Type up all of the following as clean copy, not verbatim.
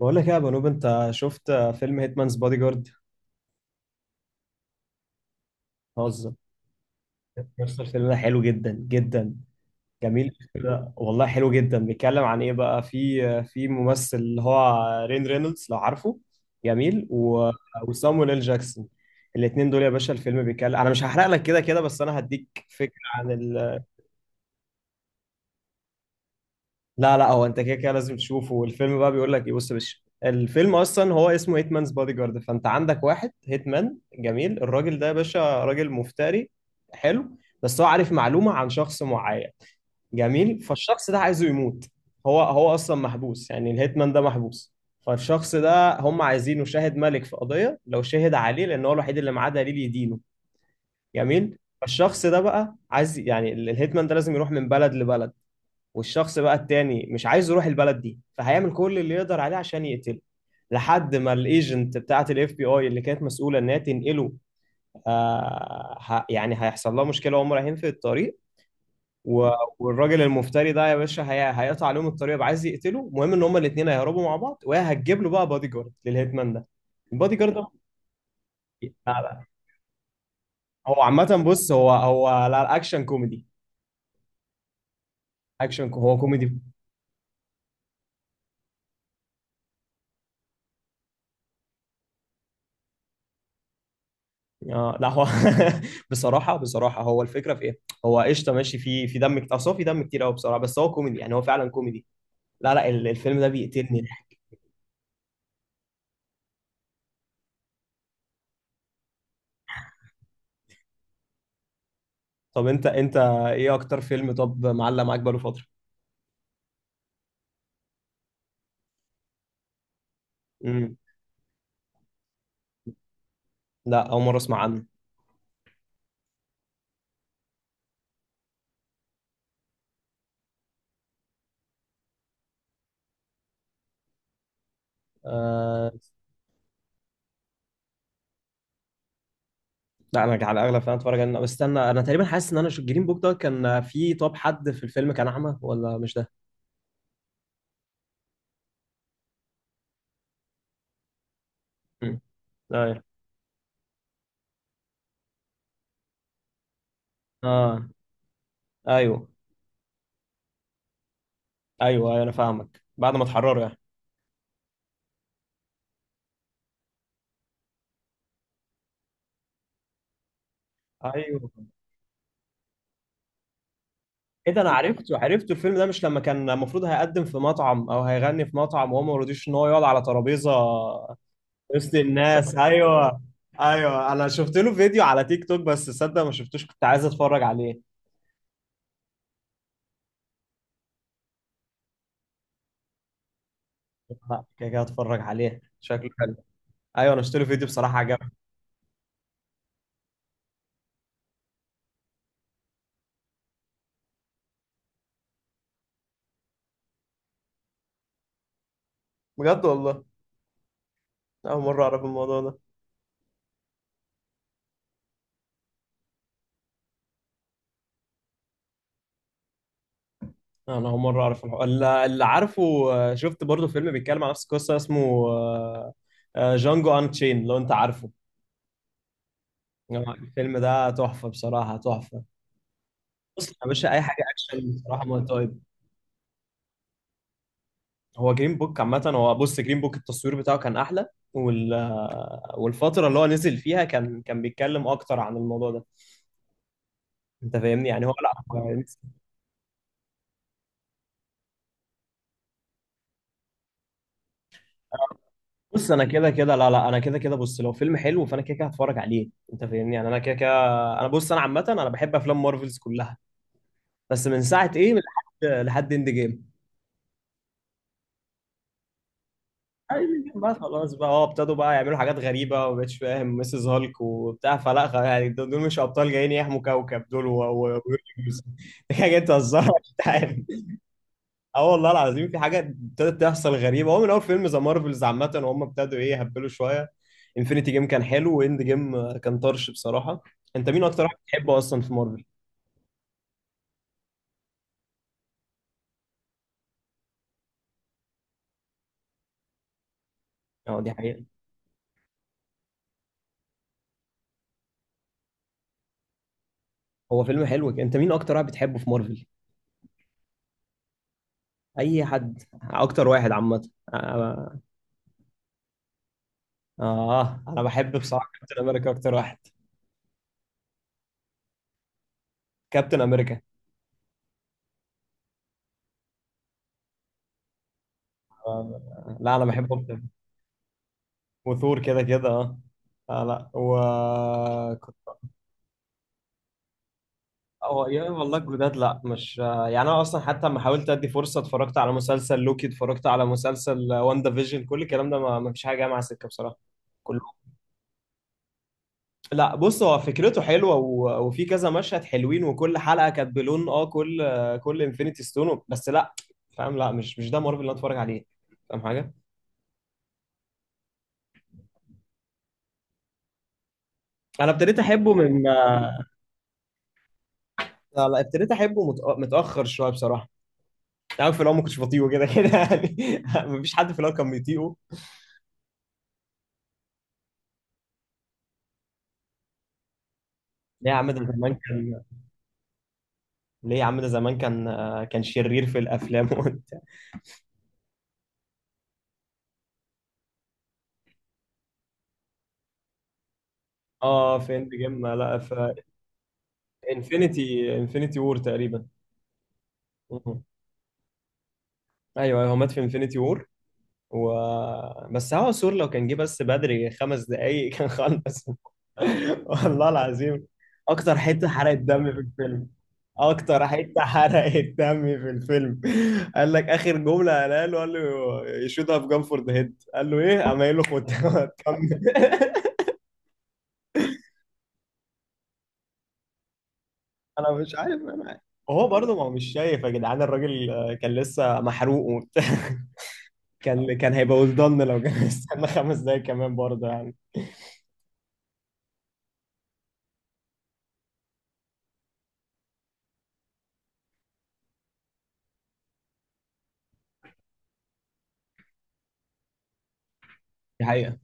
بقول لك إيه يا بنوب، انت شفت فيلم هيتمانز بادي جارد؟ هزر. بس الفيلم ده حلو جدا جدا، جميل كده والله، حلو جدا. بيتكلم عن ايه بقى؟ في ممثل اللي هو رين رينولدز، لو عارفه. جميل وسامويل ال جاكسون، الاثنين دول يا باشا. الفيلم بيتكلم، انا مش هحرق لك كده كده، بس انا هديك فكره عن لا لا، هو انت كده كده لازم تشوفه. والفيلم بقى بيقول لك ايه؟ بص يا باشا، الفيلم اصلا هو اسمه هيتمانز بادي جارد، فانت عندك واحد هيتمان. جميل، الراجل ده يا باشا راجل مفتري، حلو. بس هو عارف معلومه عن شخص معين. جميل، فالشخص ده عايزه يموت. هو اصلا محبوس، يعني الهيتمان ده محبوس. فالشخص ده هم عايزينه شاهد ملك في قضيه، لو شهد عليه، لان هو الوحيد اللي معاه دليل يدينه. جميل، فالشخص ده بقى عايز يعني الهيتمان ده لازم يروح من بلد لبلد. والشخص بقى التاني مش عايز يروح البلد دي، فهيعمل كل اللي يقدر عليه عشان يقتله، لحد ما الايجنت بتاعه الاف بي اي اللي كانت مسؤوله انها تنقله. يعني هيحصل لها مشكله وهم رايحين في الطريق. و- والراجل المفتري ده يا باشا هيقطع عليهم الطريق، يبقى عايز يقتله. المهم ان هما الاثنين هيهربوا مع بعض، وهي هتجيب له بقى بادي جارد للهيتمان ده، البادي جارد ده. لا، لا. هو عامه، بص، هو لا اكشن كوميدي، اكشن هو كوميدي. اه لا هو، بصراحه بصراحه هو الفكره في ايه، هو قشطه، ماشي، في دم كتير، اصل هو في دم كتير قوي بصراحه، بس هو كوميدي، يعني هو فعلا كوميدي. لا لا، الفيلم ده بيقتلني ضحك. طب انت ايه اكتر فيلم طب معلق معاك بقاله فتره؟ امم. لا، اول مره اسمع عنه. آه لا، انا على الاغلب فعلا اتفرج عليه، بس استنى، انا تقريبا حاسس ان انا جرين بوك ده كان في، طب حد في الفيلم كان اعمى ولا مش ده؟ امم. ايوه. اه. ايوه ايوه ايوه انا فاهمك، بعد ما اتحرروا يعني. ايوه. ايه ده، انا عرفته عرفته الفيلم ده. مش لما كان المفروض هيقدم في مطعم، او هيغني في مطعم، وهو ما رضيش ان هو يقعد على ترابيزه وسط الناس؟ ايوه. ايوه، انا شفت له فيديو على تيك توك، بس تصدق ما شفتوش، كنت عايز اتفرج عليه. لا كده كده اتفرج عليه، شكله حلو. ايوه انا شفت له فيديو بصراحه، عجبني. بجد والله؟ اول مره اعرف الموضوع ده. انا اول مره اعرف الحوار اللي عارفه. شفت برضو فيلم بيتكلم على نفس القصه، اسمه آه، جانجو ان تشين، لو انت عارفه. الفيلم ده تحفه بصراحه، تحفه. بص يا باشا، اي حاجه اكشن بصراحه، ما طيب. هو جرين بوك عامه، هو، بص، جرين بوك التصوير بتاعه كان احلى، وال والفتره اللي هو نزل فيها كان بيتكلم اكتر عن الموضوع ده. انت فاهمني يعني، هو لا يعني. بص انا كده كده، لا لا، انا كده كده، بص، لو فيلم حلو فانا كده كده هتفرج عليه، انت فاهمني يعني، انا كده كده. انا بص، انا عامه انا بحب افلام مارفلز كلها، بس من ساعه ايه، من لحد اند جيم. بقى خلاص بقى، هو ابتدوا بقى يعملوا حاجات غريبة، وما بقتش فاهم ميسيس هالك وبتاع فلا يعني دول، مش أبطال جايين يحموا كوكب، دول دي حاجة تهزرها مش عارف. اه والله العظيم، في حاجة ابتدت تحصل غريبة، هو من أول فيلم ذا مارفلز عامة، وهم ابتدوا إيه، يهبلوا شوية. انفينيتي جيم كان حلو، واند جيم كان طرش بصراحة. أنت مين أكتر واحد بتحبه أصلا في مارفل؟ أه دي حقيقة. هو فيلم حلو. أنت مين أكتر واحد بتحبه في مارفل؟ أي حد، أكتر واحد عامة. آه، اه انا بحب بصراحه كابتن امريكا، اكتر واحد. كابتن امريكا. لا انا بحبه اكتر. وثور كده كده اه. آه، لا و كنت- هو يا والله، الجداد لا مش، يعني انا اصلا، حتى لما حاولت ادي فرصه، اتفرجت على مسلسل لوكي، اتفرجت على مسلسل واندا فيجن، كل الكلام ده ما فيش حاجه جايه مع سكه بصراحه، كله. لا بص هو فكرته حلوه وفي كذا مشهد حلوين، وكل حلقه كانت بلون، اه كل، كل انفينيتي ستون، بس لا. فاهم، لا مش ده مارفل اللي انا اتفرج عليه، فاهم حاجه. انا ابتديت احبه من، لا لا، ابتديت احبه متاخر شويه بصراحه. انت عارف في الاول ما كنتش بطيئه كده كده يعني. مفيش حد في الاول كان بيطيقه. ليه يا عم، ده زمان كان، ليه يا عم، ده زمان كان كان شرير في الافلام، وانت. اه في اند جيم، لا في انفينيتي وور تقريبا. مم. ايوه ايوه، هو مات في انفينيتي وور و بس هو سور، لو كان جه بس بدري خمس دقايق كان خلص. والله العظيم. اكتر حته حرقت دم في الفيلم، اكتر حته حرقت دم في الفيلم قال لك اخر جمله قالها له، قال له يشوتها في جام فور ذا هيد، قال له ايه، قام قايل له خد. كمل، انا مش عارف انا. وهو برضه، ما هو مش شايف يا جدعان الراجل، كان لسه محروق وبتاع، كان هيبقى ولدان لو كان استنى خمس دقايق كمان برضه يعني. دي حقيقة.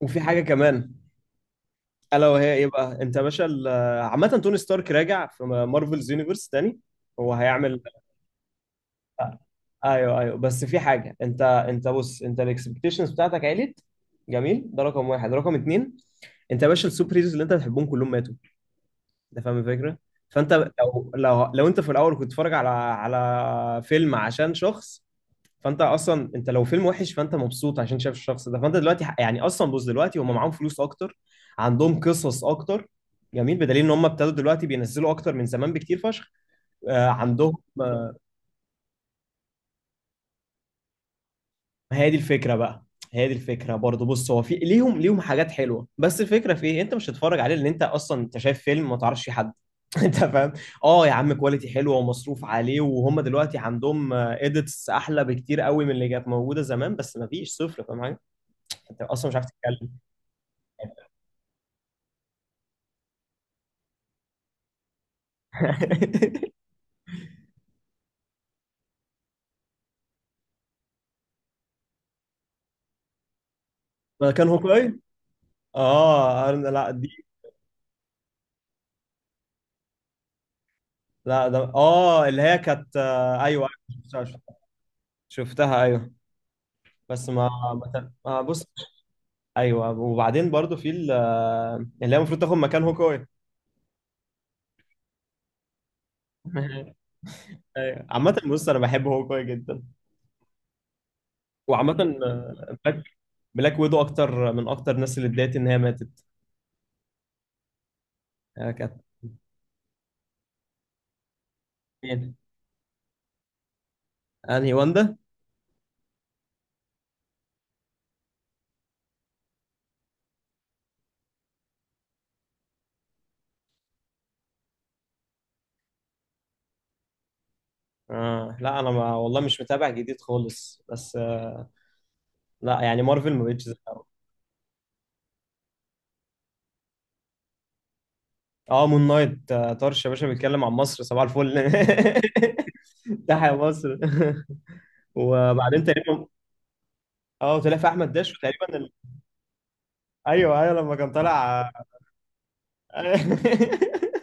وفي حاجة كمان، الا وهي ايه بقى، انت يا باشا عامه توني ستارك راجع في مارفلز يونيفرس تاني، هو هيعمل. ايوه ايوه، بس في حاجه، انت بص، انت الاكسبكتيشنز بتاعتك عالت، جميل، ده رقم واحد. رقم اتنين، انت يا باشا السوبر هيروز اللي انت بتحبهم كلهم ماتوا، انت فاهم الفكره. فانت لو لو انت في الاول كنت بتتفرج على فيلم عشان شخص، فانت اصلا، انت لو فيلم وحش فانت مبسوط عشان شايف الشخص ده. فانت دلوقتي يعني اصلا، بص، دلوقتي هم معاهم فلوس اكتر، عندهم قصص اكتر، جميل، بدليل ان هم ابتدوا دلوقتي بينزلوا اكتر من زمان بكتير فشخ. آه عندهم. آه، هي دي الفكره بقى، هي دي الفكره برضه. بص هو في ليهم حاجات حلوه، بس الفكره في ايه، انت مش هتتفرج عليه لان انت اصلا، انت شايف فيلم ما تعرفش فيه حد. انت فاهم. اه يا عم، كواليتي حلوه ومصروف عليه، وهم دلوقتي عندهم اديتس احلى بكتير قوي من اللي كانت موجوده زمان، بس ما فيش صفر فاهم حاجه، انت اصلا مش عارف تتكلم. ما كان هوكاي. اه لا دي، لا ده اه، اللي هي كانت، ايوه، شفتها شفتها، شفتها، ايوه. بس ما ما بص، ايوه، وبعدين برضو في اللي هي المفروض تاخد مكان هوكاي. ايوه عامة بص، انا بحب هوكاي جدا، وعامة، بلاك، بلاك ويدو اكتر، من اكتر الناس اللي اتضايقت ان هي ماتت. كانت. مين؟ انهي واندا؟ آه لا، انا ما والله مش متابع جديد خالص بس، لا يعني، مارفل ما بقتش زي الأول. اه مون نايت، طرش يا باشا، بيتكلم عن مصر، صباح الفل. تحيا مصر. وبعدين تقريبا، اه طلع في احمد داش تقريبا ايوه ايوه، لما كان طالع.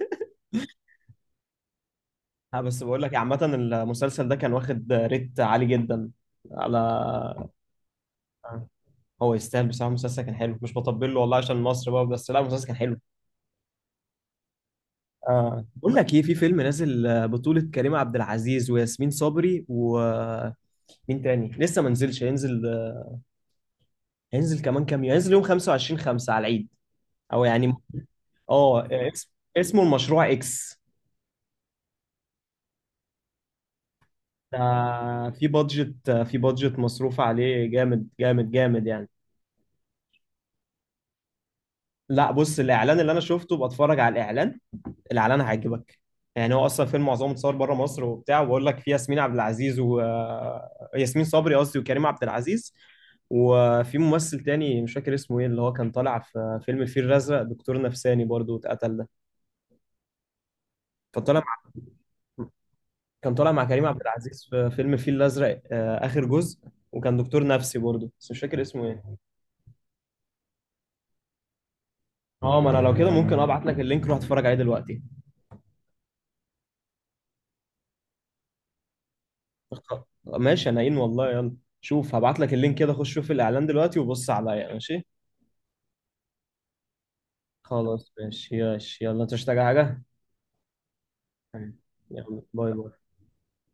ها، بس بقول لك إيه، عامة المسلسل ده كان واخد ريت عالي جدا، على. هو يستاهل بصراحة، المسلسل كان حلو، مش بطبل له والله عشان مصر بقى، بس لا المسلسل كان حلو. آه. بقول لك ايه، في فيلم نازل، بطولة كريم عبد العزيز وياسمين صبري، ومين تاني، لسه ما نزلش، هينزل، هينزل كمان كام يوم، هينزل يوم 25/5 على العيد، او يعني، اه اسمه المشروع اكس. ده في بادجت، مصروف عليه جامد جامد جامد يعني. لا بص الاعلان اللي انا شفته، بتفرج على الاعلان، الاعلان هيعجبك. يعني هو اصلا فيلم معظمه اتصور بره مصر وبتاع، وبقول لك في ياسمين عبد العزيز و ياسمين صبري قصدي، وكريم عبد العزيز، وفي ممثل تاني مش فاكر اسمه ايه، اللي هو كان طالع في فيلم الفيل الازرق، دكتور نفساني برضو، اتقتل ده، فطالع، كان طالع مع كريم عبد العزيز في فيلم الفيل الازرق، اخر جزء، وكان دكتور نفسي برضه، بس مش فاكر اسمه ايه. اه، ما انا لو كده ممكن ابعت لك اللينك، روح اتفرج عليه دلوقتي. ماشي، انا إن والله، يلا شوف، هبعت لك اللينك كده، خش شوف الاعلان دلوقتي وبص عليا، ماشي. خلاص ماشي ياش، يلا انت مش محتاج حاجه؟ يلا باي باي.